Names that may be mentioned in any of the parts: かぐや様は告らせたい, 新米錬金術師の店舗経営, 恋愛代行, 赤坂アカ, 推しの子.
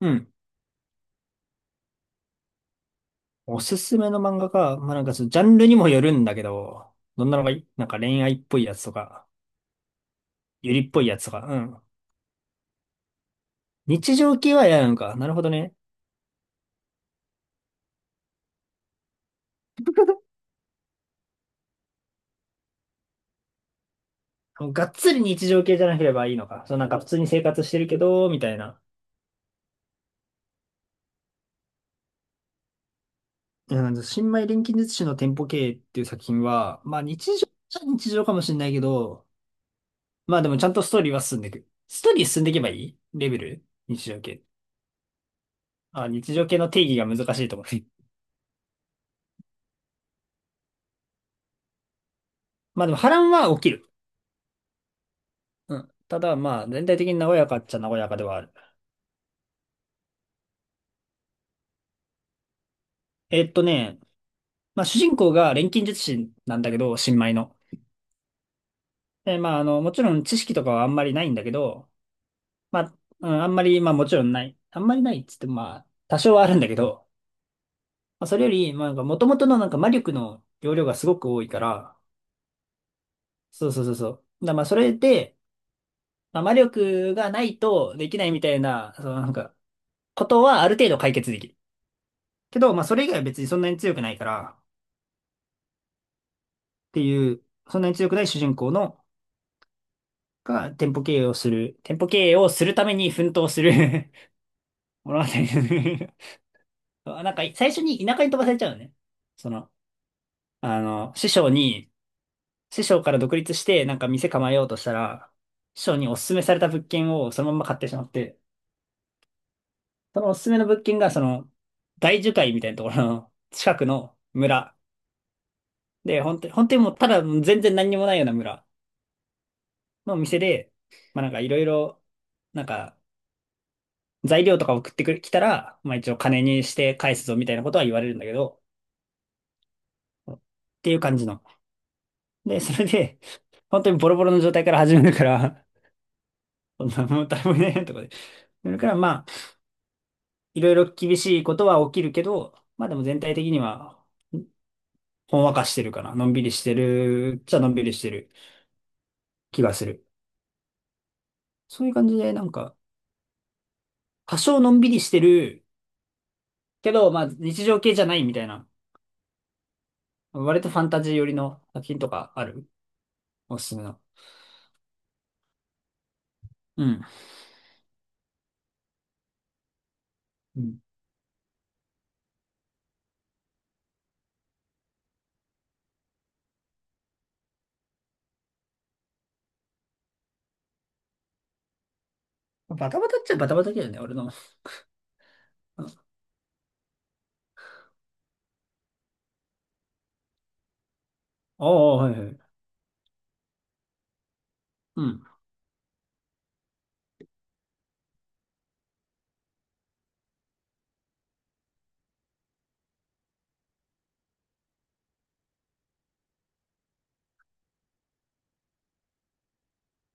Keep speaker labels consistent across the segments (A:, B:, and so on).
A: うん。おすすめの漫画か。まあ、なんかそのジャンルにもよるんだけど、どんなのがいい？なんか恋愛っぽいやつとか、ゆりっぽいやつとか、うん。日常系は嫌なのか。なるほどね。がっつり日常系じゃなければいいのか。そう、なんか普通に生活してるけど、みたいな。うんか新米錬金術師の店舗経営っていう作品は、まあ日常っちゃ日常かもしれないけど、まあでもちゃんとストーリーは進んでいく。ストーリー進んでいけばいいレベル日常系。あ、日常系の定義が難しいと思う。まあでも波乱は起きる。うん。ただ、まあ、全体的に和やかっちゃ和やかではある。えっとね、まあ、主人公が錬金術師なんだけど、新米の。で、まあ、もちろん知識とかはあんまりないんだけど、まあ、うん、あんまり、まあ、もちろんない。あんまりないっつっても、まあ、多少はあるんだけど、まあ、それより、まあ、なんか、元々のなんか魔力の容量がすごく多いから、そうそうそうそう。だからまあ、それで、まあ、魔力がないとできないみたいな、そのなんか、ことはある程度解決できる。けど、まあ、それ以外は別にそんなに強くないから、っていう、そんなに強くない主人公の、が店舗経営をするために奮闘する 物語。あ、なんか、最初に田舎に飛ばされちゃうのね。その、あの、師匠に、師匠から独立して、なんか店構えようとしたら、師匠におすすめされた物件をそのまま買ってしまって、そのおすすめの物件が、その、大樹海みたいなところの近くの村。で、本当に、本当にもうただ全然何にもないような村の店で、まあなんかいろいろ、なんか、材料とか送ってくる、来たら、まあ一応金にして返すぞみたいなことは言われるんだけど、っていう感じの。で、それで、本当にボロボロの状態から始めるから、そんなもう誰もいないとかで。それからまあ、いろいろ厳しいことは起きるけど、まあでも全体的には、ほんわかしてるかな。のんびりしてる、じゃのんびりしてる気がする。そういう感じで、なんか、多少のんびりしてるけど、まあ日常系じゃないみたいな、割とファンタジー寄りの作品とかある？おすすめの。うん。うん、バタバタっちゃバタバタだよね、俺の。ああ、はいはい。うん。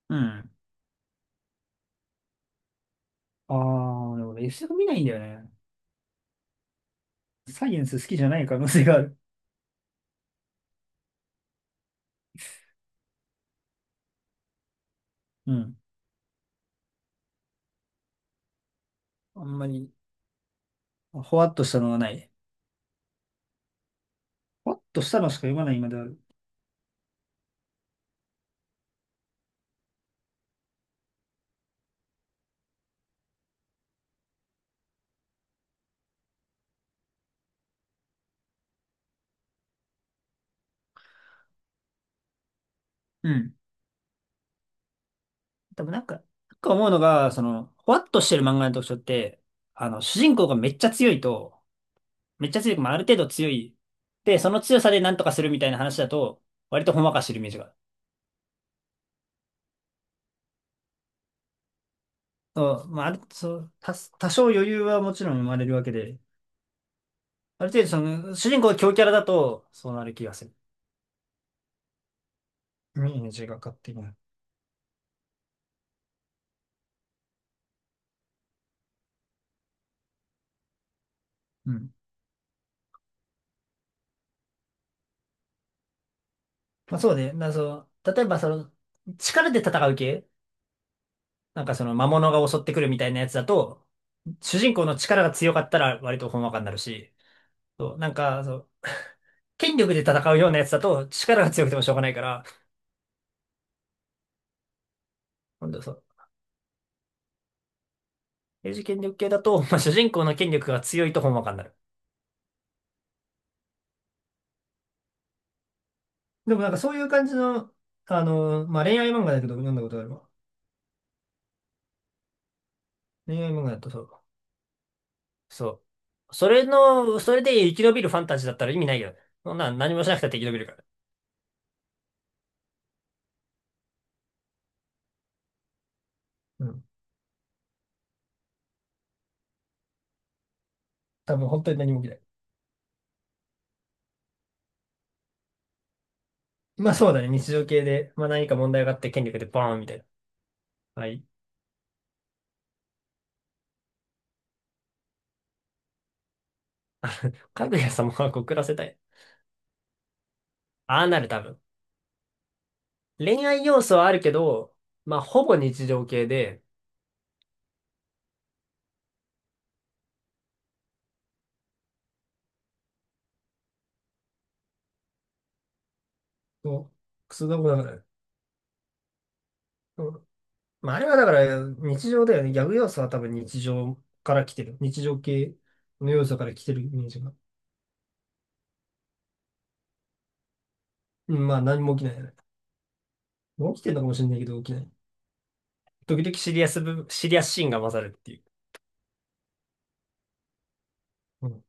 A: うん。ああ、でも俺 SF 見ないんだよね。サイエンス好きじゃない可能性がある。うん。あんまり、ほわっとしたのはない。ほわっとしたのしか読まないまである。うん。でもなんか思うのが、その、ほわっとしてる漫画の特徴って、主人公がめっちゃ強いと、めっちゃ強い、まあ、ある程度強い。で、その強さでなんとかするみたいな話だと、割とほんわかしてるイメージがある。そう、まあ、あるそう、多少余裕はもちろん生まれるわけで、ある程度その、主人公が強キャラだと、そうなる気がする。イメージが勝手に。うん。まあそうね。なそう例えばその、力で戦う系なんかその魔物が襲ってくるみたいなやつだと、主人公の力が強かったら割とほんわかになるし、そう、なんか、そう、権力で戦うようなやつだと力が強くてもしょうがないから、今度そう、英治権力系だと、まあ、主人公の権力が強いとほんわかになる。でもなんかそういう感じの、まあ、恋愛漫画だけど読んだことがあるわ。恋愛漫画だとそうそう。それで生き延びるファンタジーだったら意味ないよ。そんな何もしなくたって生き延びるから。うん。多分本当に何も起きない。まあそうだね。日常系で、まあ何か問題があって権力でバーンみたいな。はい。かぐや様は告らせたい。ああなる多分。恋愛要素はあるけど、まあほぼ日常系で、そうクソだもんだから。うん。まああれはだから日常だよね。ギャグ要素は多分日常から来てる。日常系の要素から来てるイメージが。うん、まあ何も起きないよね。起きてるのかもしれないけど起きない。時々シリアス部分、シリアスシーンが混ざるっていう。うん。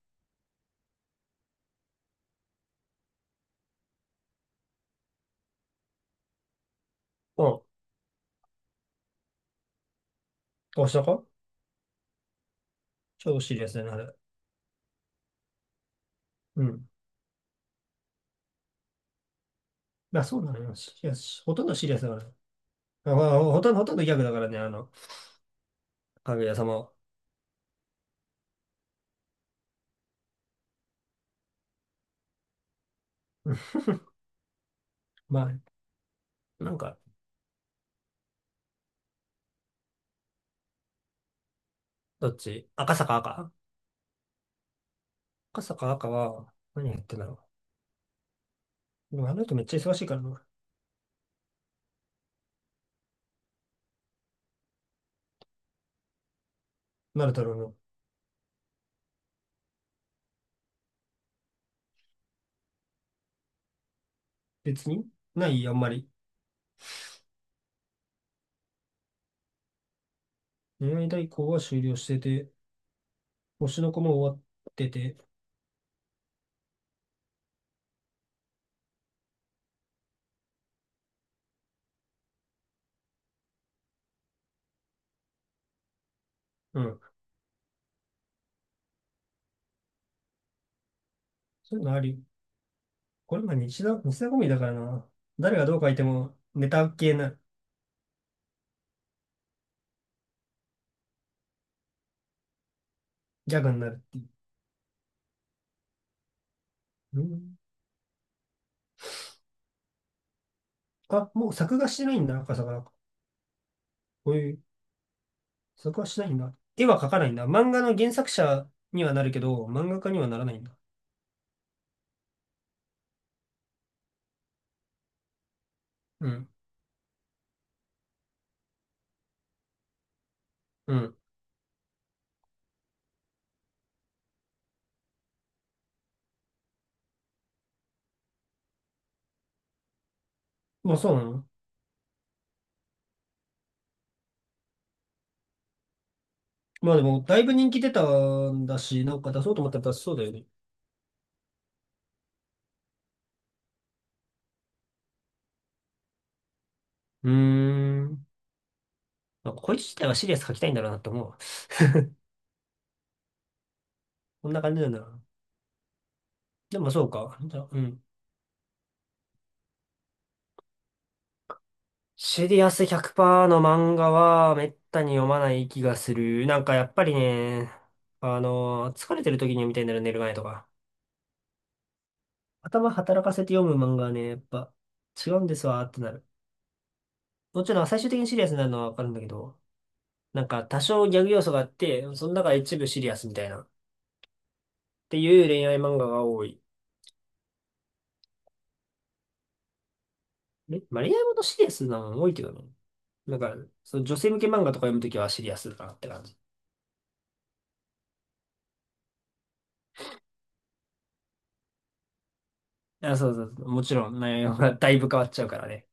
A: お、どうしたう超シリアスになる。うん。まあそうなのよ。シリアス、ほとんどシリアスだから。あまあほとんど、ほとんどギャグだからね、あの、かぐや様は。うん、まあ、なんか、どっち赤坂赤は、何やってんだろう。でもあの人めっちゃ忙しいからな。なるだろうの。別にないあんまり。恋愛代行は終了してて、推しの子も終わってて、うん。そういうのあり、これも日常コメディだからな。誰がどう書いてもネタ系な、ギャグになるっていう。うん。あ、もう作画してないんだ、赤坂なんか。こういう、作画してないんだ。絵は描かないんだ。漫画の原作者にはなるけど、漫画家にはならないんだ。うん。うん。まあそうなの。まあでも、だいぶ人気出たんだし、なんか出そうと思ったら出しそうだよね。うーん。まあ、こいつ自体はシリアス描きたいんだろうなって思う。こんな感じなんだろうな。でもそうか。じゃあ、うん。シリアス100%の漫画はめったに読まない気がする。なんかやっぱりね、あの、疲れてる時に読みたいんだよね、寝る前とか。頭働かせて読む漫画はね、やっぱ違うんですわーってなる。もちろん最終的にシリアスになるのはわかるんだけど、なんか多少ギャグ要素があって、その中で一部シリアスみたいな、っていう恋愛漫画が多い。え、まあ、恋愛ものシリアスなの多いけどね。なんか、その女性向け漫画とか読むときはシリアスだなって感じ。あ、そうそうそう。もちろん内容がだいぶ変わっちゃうからね。